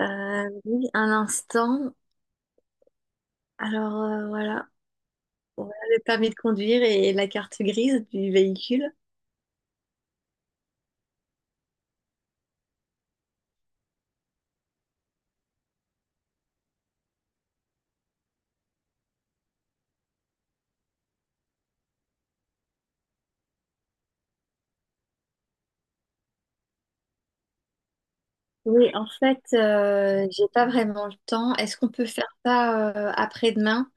Oui, un instant. Alors voilà, voilà le permis de conduire et la carte grise du véhicule. Oui, en fait, j'ai pas vraiment le temps. Est-ce qu'on peut faire ça après-demain?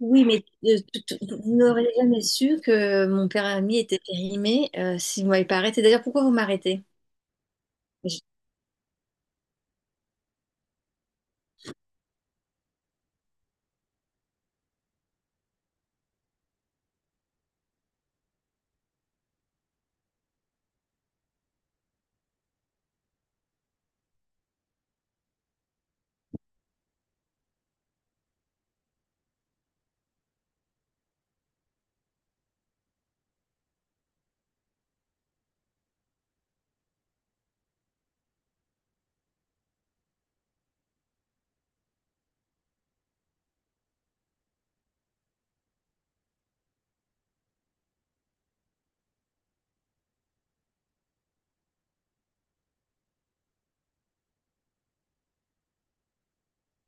Oui, mais vous n'auriez jamais su que mon permis était périmé si vous m'avez pas arrêté. D'ailleurs, pourquoi vous m'arrêtez? Je-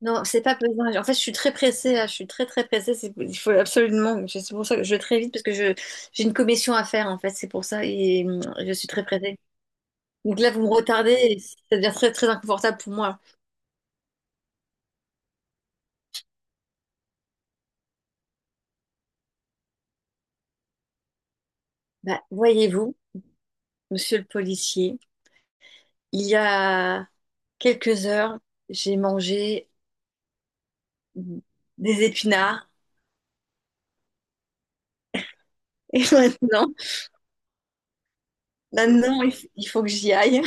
Non, c'est pas besoin. En fait, je suis très pressée là. Je suis très très pressée. Il faut absolument. C'est pour ça que je vais très vite parce que je j'ai une commission à faire en fait. C'est pour ça et je suis très pressée. Donc là, vous me retardez, et ça devient très, très inconfortable pour moi. Bah, voyez-vous, monsieur le policier, il y a quelques heures, j'ai mangé des épinards et maintenant, maintenant, il faut que j'y aille.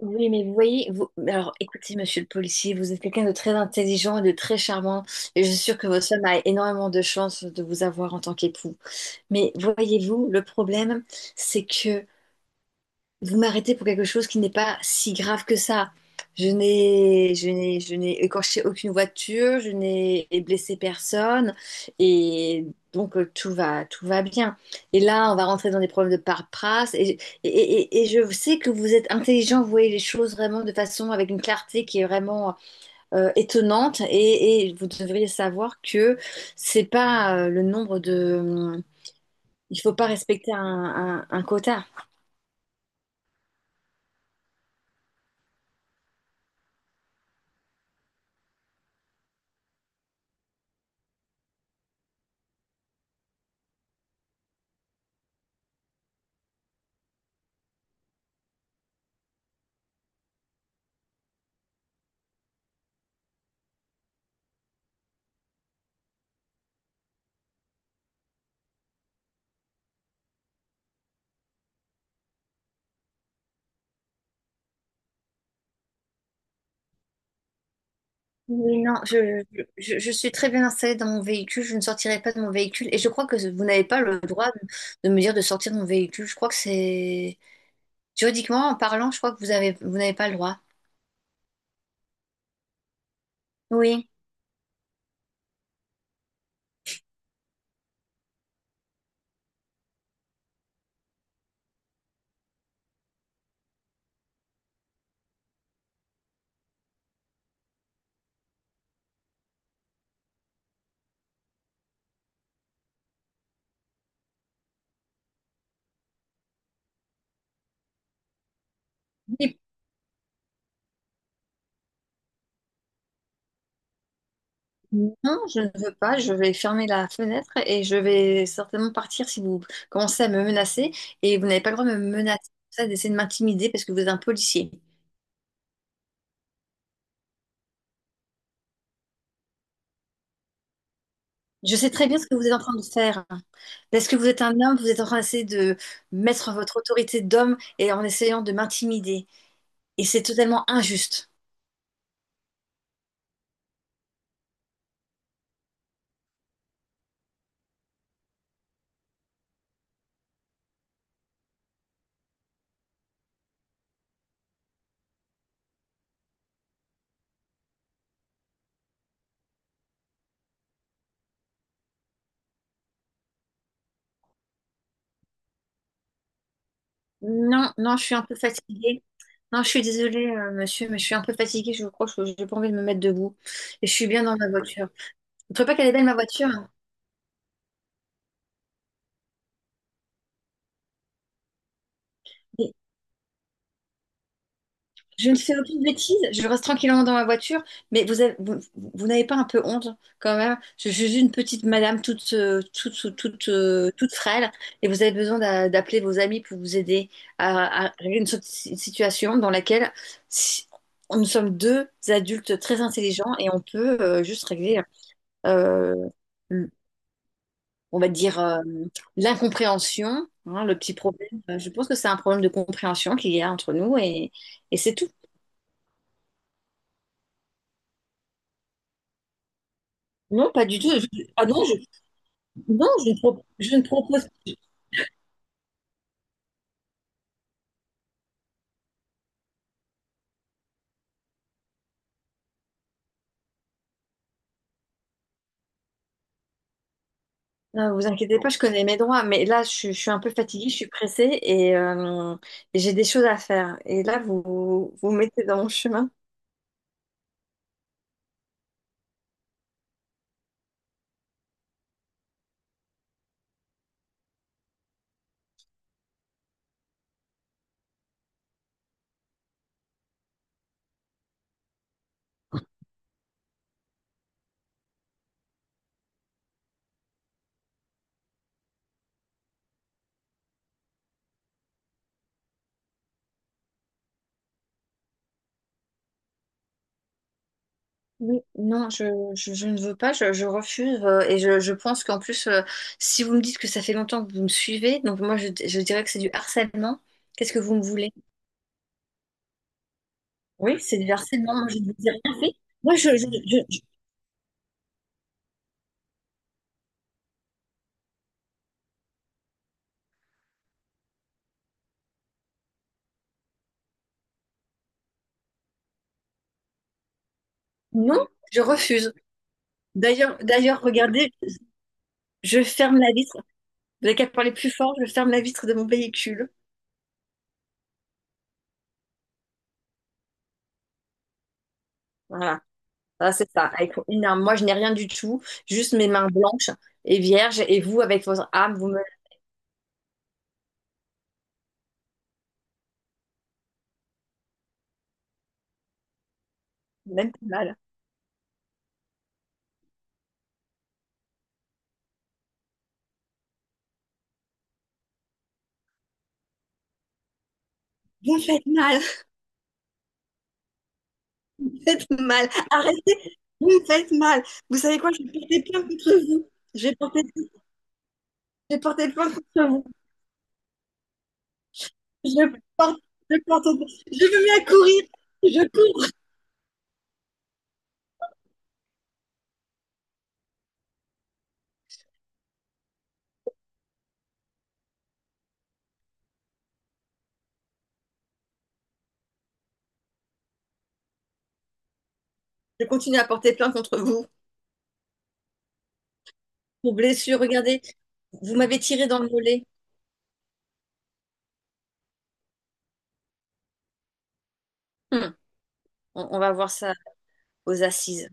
Oui, mais vous voyez, vous alors écoutez, monsieur le policier, vous êtes quelqu'un de très intelligent et de très charmant, et je suis sûre que votre femme a énormément de chance de vous avoir en tant qu'époux. Mais voyez-vous, le problème, c'est que vous m'arrêtez pour quelque chose qui n'est pas si grave que ça. Je n'ai écorché aucune voiture, je n'ai blessé personne, et donc tout va bien. Et là, on va rentrer dans des problèmes de paperasse, et je sais que vous êtes intelligent, vous voyez les choses vraiment de façon avec une clarté qui est vraiment étonnante, et vous devriez savoir que c'est pas le nombre de, il faut pas respecter un quota. Oui, non, je suis très bien installée dans mon véhicule, je ne sortirai pas de mon véhicule et je crois que vous n'avez pas le droit de me dire de sortir de mon véhicule. Je crois que c'est juridiquement, en parlant, je crois que vous n'avez pas le droit. Oui. Oui. Non, je ne veux pas, je vais fermer la fenêtre et je vais certainement partir si vous commencez à me menacer et vous n'avez pas le droit de me menacer, ça, d'essayer de m'intimider parce que vous êtes un policier. Je sais très bien ce que vous êtes en train de faire. Parce que vous êtes un homme, vous êtes en train d'essayer de mettre votre autorité d'homme et en essayant de m'intimider. Et c'est totalement injuste. Non, non, je suis un peu fatiguée. Non, je suis désolée, monsieur, mais je suis un peu fatiguée. Je crois que je n'ai pas envie de me mettre debout. Et je suis bien dans ma voiture. Vous ne trouvez pas qu'elle est belle, ma voiture, hein? Je ne fais aucune bêtise, je reste tranquillement dans ma voiture, mais vous, vous n'avez pas un peu honte quand même? Je suis juste une petite madame toute, toute frêle et vous avez besoin d'appeler vos amis pour vous aider à régler une sorte de situation dans laquelle si- nous sommes deux adultes très intelligents et on peut juste régler, euh, le- on va dire, l'incompréhension, hein, le petit problème. Je pense que c'est un problème de compréhension qu'il y a entre nous et c'est tout. Non, pas du tout. Ah non, non, je ne propose pas. Vous inquiétez pas, je connais mes droits, mais là, je suis un peu fatiguée, je suis pressée et j'ai des choses à faire. Et là, vous mettez dans mon chemin. Oui, non, je ne veux pas, je refuse. Et je pense qu'en plus, si vous me dites que ça fait longtemps que vous me suivez, donc moi, je dirais que c'est du harcèlement. Qu'est-ce que vous me voulez? Oui, c'est du harcèlement. Moi, je ne vous ai rien fait. Moi, non, je refuse. D'ailleurs, d'ailleurs, regardez, je ferme la vitre. Dès qu'elle parlait plus fort, je ferme la vitre de mon véhicule. Voilà, voilà, c'est ça. Avec une arme. Moi, je n'ai rien du tout, juste mes mains blanches et vierges. Et vous, avec votre arme, vous me même faites mal. Vous me faites mal, vous me faites mal. Arrêtez, vous me faites mal. Vous savez quoi? Je vais porter plainte contre vous. Je vais porter plainte contre vous. Je porte, je porte, je me mets à courir. Je, cou- je continue à porter plainte contre vous pour blessure. Regardez, vous m'avez tiré dans le mollet. Hmm. On va voir ça aux assises.